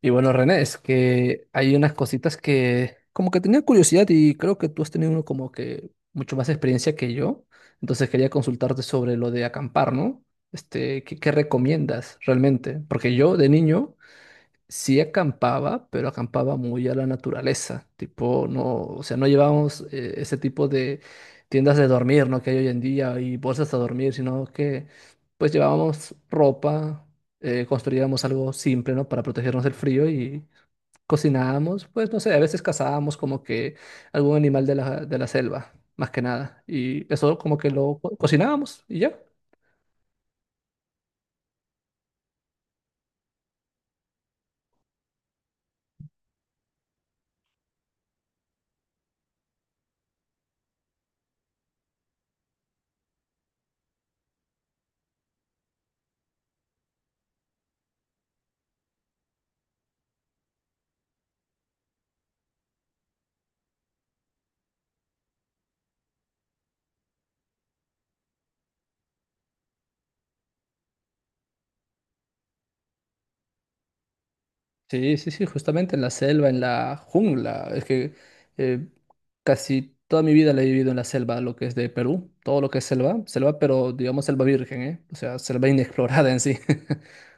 Y bueno, René, es que hay unas cositas que como que tenía curiosidad y creo que tú has tenido uno como que mucho más experiencia que yo. Entonces quería consultarte sobre lo de acampar, ¿no? Este, ¿qué recomiendas realmente? Porque yo de niño sí acampaba, pero acampaba muy a la naturaleza, tipo, no, o sea, no llevábamos ese tipo de tiendas de dormir, ¿no? Que hay hoy en día y bolsas a dormir, sino que pues llevábamos ropa, construíamos algo simple, ¿no? Para protegernos del frío y cocinábamos, pues no sé, a veces cazábamos como que algún animal de la selva, más que nada, y eso como que lo cocinábamos y ya. Sí, sí, sí, justamente en la selva, en la jungla. Es que eh, casi toda mi vida la he vivido en la selva, lo que es de Perú, todo lo que es selva, selva, pero digamos selva virgen, ¿eh? O sea, selva inexplorada en sí.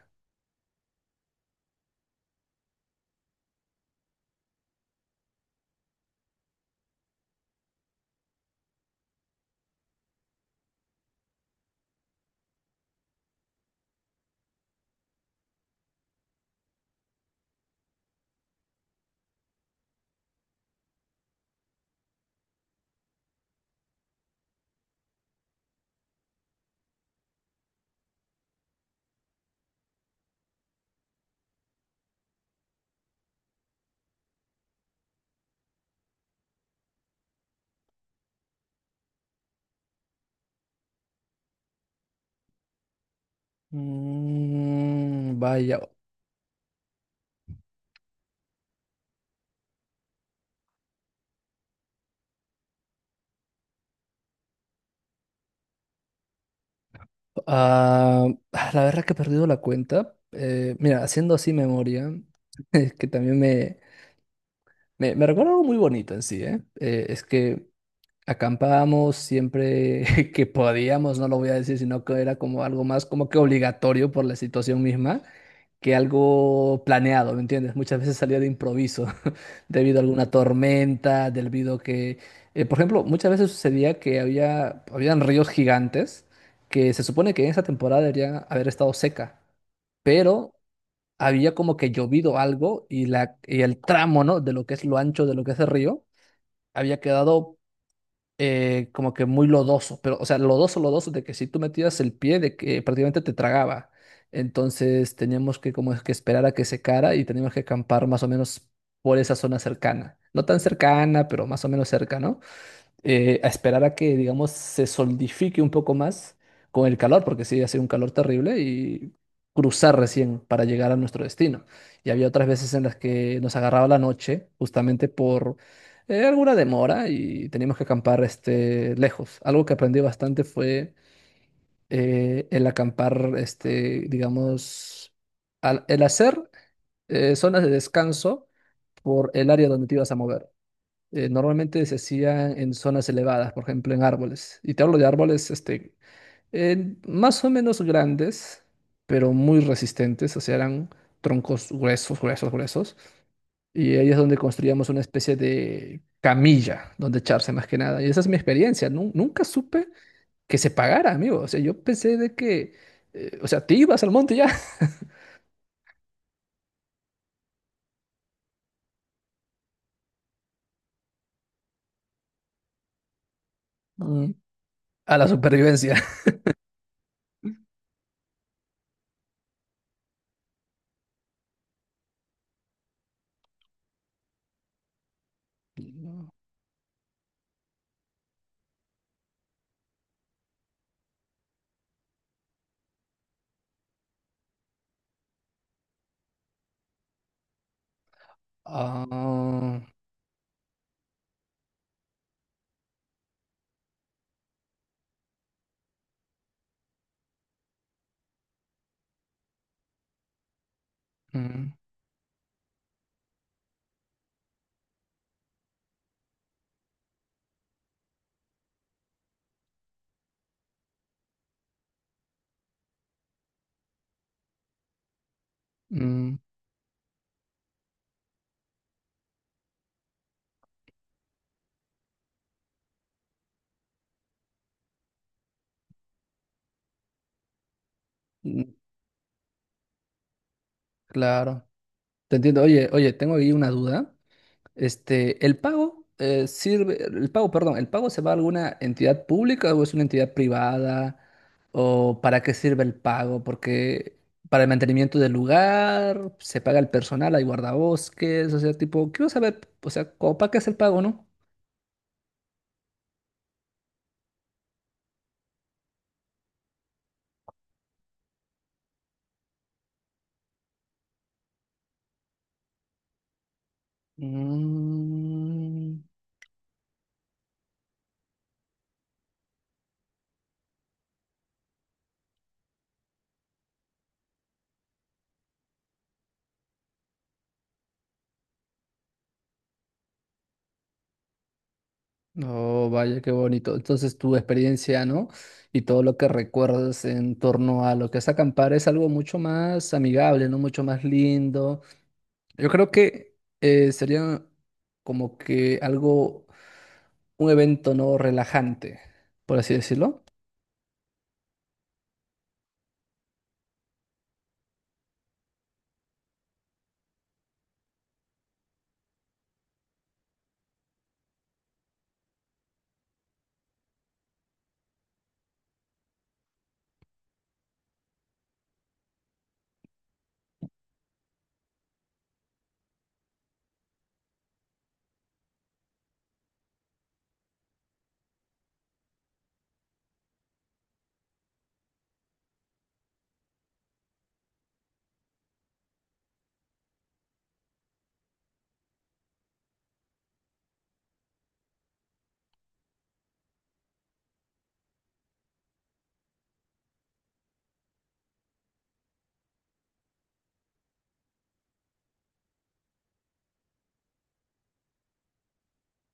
Mm, vaya. Ah, la verdad que he perdido la cuenta. Mira, haciendo así memoria, es que también me recuerda algo muy bonito en sí, ¿eh? Es que acampábamos siempre que podíamos, no lo voy a decir, sino que era como algo más como que obligatorio por la situación misma que algo planeado, ¿me entiendes? Muchas veces salía de improviso debido a alguna tormenta, debido que, por ejemplo, muchas veces sucedía que habían ríos gigantes que se supone que en esa temporada debería haber estado seca, pero había como que llovido algo y, y el tramo, ¿no? De lo que es lo ancho de lo que es el río, había quedado como que muy lodoso, pero, o sea, lodoso, lodoso, de que si tú metías el pie, de que prácticamente te tragaba. Entonces teníamos que como es que esperar a que secara y teníamos que acampar más o menos por esa zona cercana. No tan cercana, pero más o menos cerca, ¿no? A esperar a que, digamos, se solidifique un poco más con el calor, porque sí, hacía un calor terrible y cruzar recién para llegar a nuestro destino. Y había otras veces en las que nos agarraba la noche, justamente por alguna demora y teníamos que acampar este, lejos. Algo que aprendí bastante fue el acampar, este, digamos, el hacer zonas de descanso por el área donde te ibas a mover. Normalmente se hacían en zonas elevadas, por ejemplo, en árboles. Y te hablo de árboles, este, más o menos grandes, pero muy resistentes, o sea, eran troncos gruesos, gruesos, gruesos. Y ahí es donde construíamos una especie de camilla donde echarse más que nada. Y esa es mi experiencia. Nunca supe que se pagara, amigo. O sea, yo pensé de que, o sea, te ibas al monte ya. Mm, a la supervivencia. Ah, mm, mm, mm, claro. Te entiendo. Oye, oye, tengo ahí una duda. Este, ¿el pago sirve, el pago, perdón, el pago se va a alguna entidad pública o es una entidad privada? ¿O para qué sirve el pago? Porque para el mantenimiento del lugar, se paga el personal, hay guardabosques, o sea, tipo, quiero saber, o sea, como, ¿para qué es el pago, no? Mm. Oh, vaya, qué bonito. Entonces, tu experiencia, ¿no? Y todo lo que recuerdas en torno a lo que es acampar es algo mucho más amigable, ¿no? Mucho más lindo. Yo creo que sería como que algo, un evento, ¿no? Relajante, por así decirlo.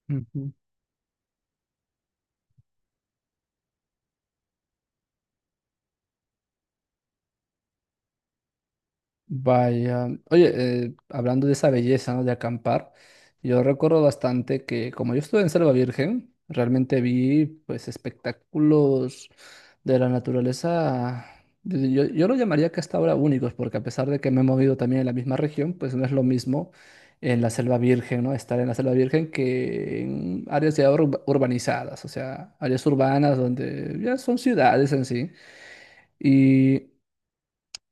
Ujú. Vaya, oye, hablando de esa belleza, ¿no? De acampar, yo recuerdo bastante que como yo estuve en Selva Virgen, realmente vi pues espectáculos de la naturaleza, yo lo llamaría que hasta ahora únicos, porque a pesar de que me he movido también en la misma región, pues no es lo mismo en la Selva Virgen, ¿no? Estar en la Selva Virgen que en áreas ya urbanizadas, o sea, áreas urbanas donde ya son ciudades en sí. Y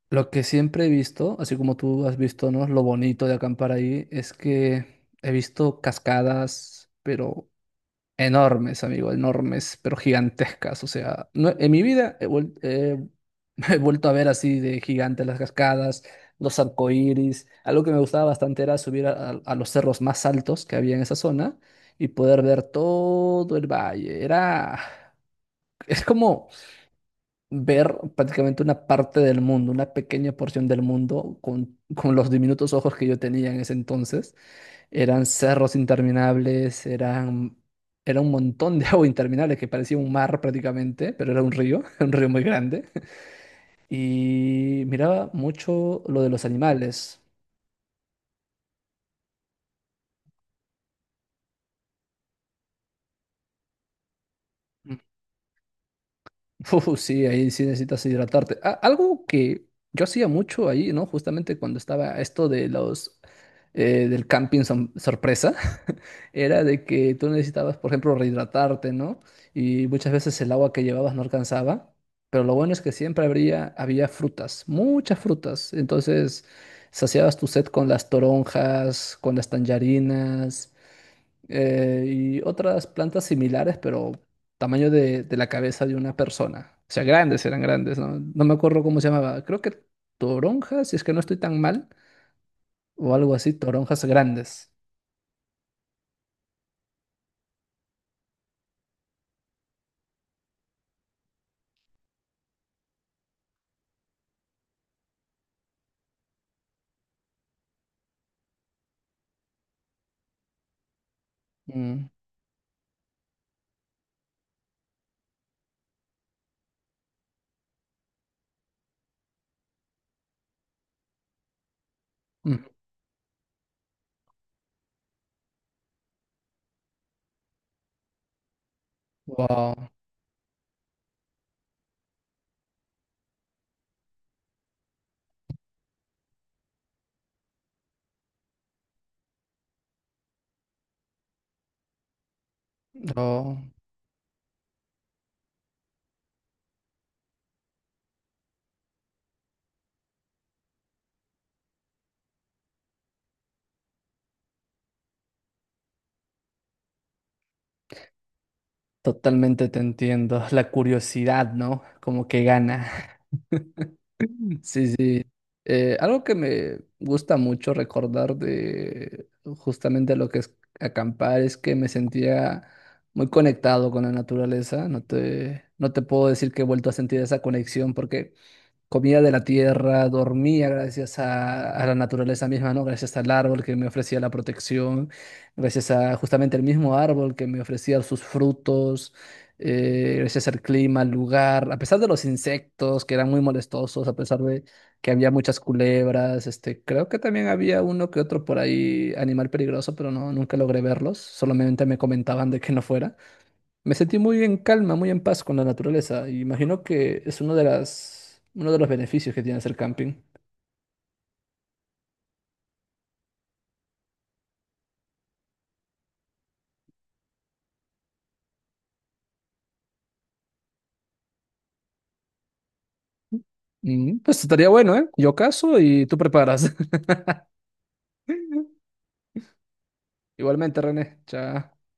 lo que siempre he visto, así como tú has visto, ¿no? Lo bonito de acampar ahí es que he visto cascadas, pero enormes, amigo, enormes, pero gigantescas. O sea, en mi vida he vuelto a ver así de gigantes las cascadas, los arcoíris. Algo que me gustaba bastante era subir a los cerros más altos que había en esa zona y poder ver todo el valle. Era, es como ver prácticamente una parte del mundo, una pequeña porción del mundo con los diminutos ojos que yo tenía en ese entonces. Eran cerros interminables, eran, era un montón de agua interminable que parecía un mar prácticamente, pero era un río, un río muy grande. Y miraba mucho lo de los animales. Mm. Uf, sí, ahí sí necesitas hidratarte. Algo que yo hacía mucho ahí, ¿no? Justamente cuando estaba esto de los... del camping sorpresa. Era de que tú necesitabas, por ejemplo, rehidratarte, ¿no? Y muchas veces el agua que llevabas no alcanzaba, pero lo bueno es que siempre había frutas, muchas frutas. Entonces, saciabas tu sed con las toronjas, con las tangerinas, y otras plantas similares, pero tamaño de la cabeza de una persona. O sea, grandes, eran grandes, ¿no? No me acuerdo cómo se llamaba. Creo que toronjas, si es que no estoy tan mal, o algo así, toronjas grandes. Mm, mm. Wow. No, totalmente te entiendo. La curiosidad, ¿no? Como que gana. Sí, sí. Algo que me gusta mucho recordar de justamente lo que es acampar es que me sentía muy conectado con la naturaleza. No te puedo decir que he vuelto a sentir esa conexión porque comía de la tierra, dormía gracias a la naturaleza misma, ¿no? Gracias al árbol que me ofrecía la protección, gracias a justamente el mismo árbol que me ofrecía sus frutos, gracias al clima, al lugar, a pesar de los insectos que eran muy molestosos, a pesar de que había muchas culebras, este, creo que también había uno que otro por ahí animal peligroso, pero no, nunca logré verlos, solamente me comentaban de que no fuera. Me sentí muy en calma, muy en paz con la naturaleza. Y imagino que es uno de uno de los beneficios que tiene hacer camping. Mm, pues estaría bueno, ¿eh? Yo caso y tú preparas. Igualmente, René. Chao.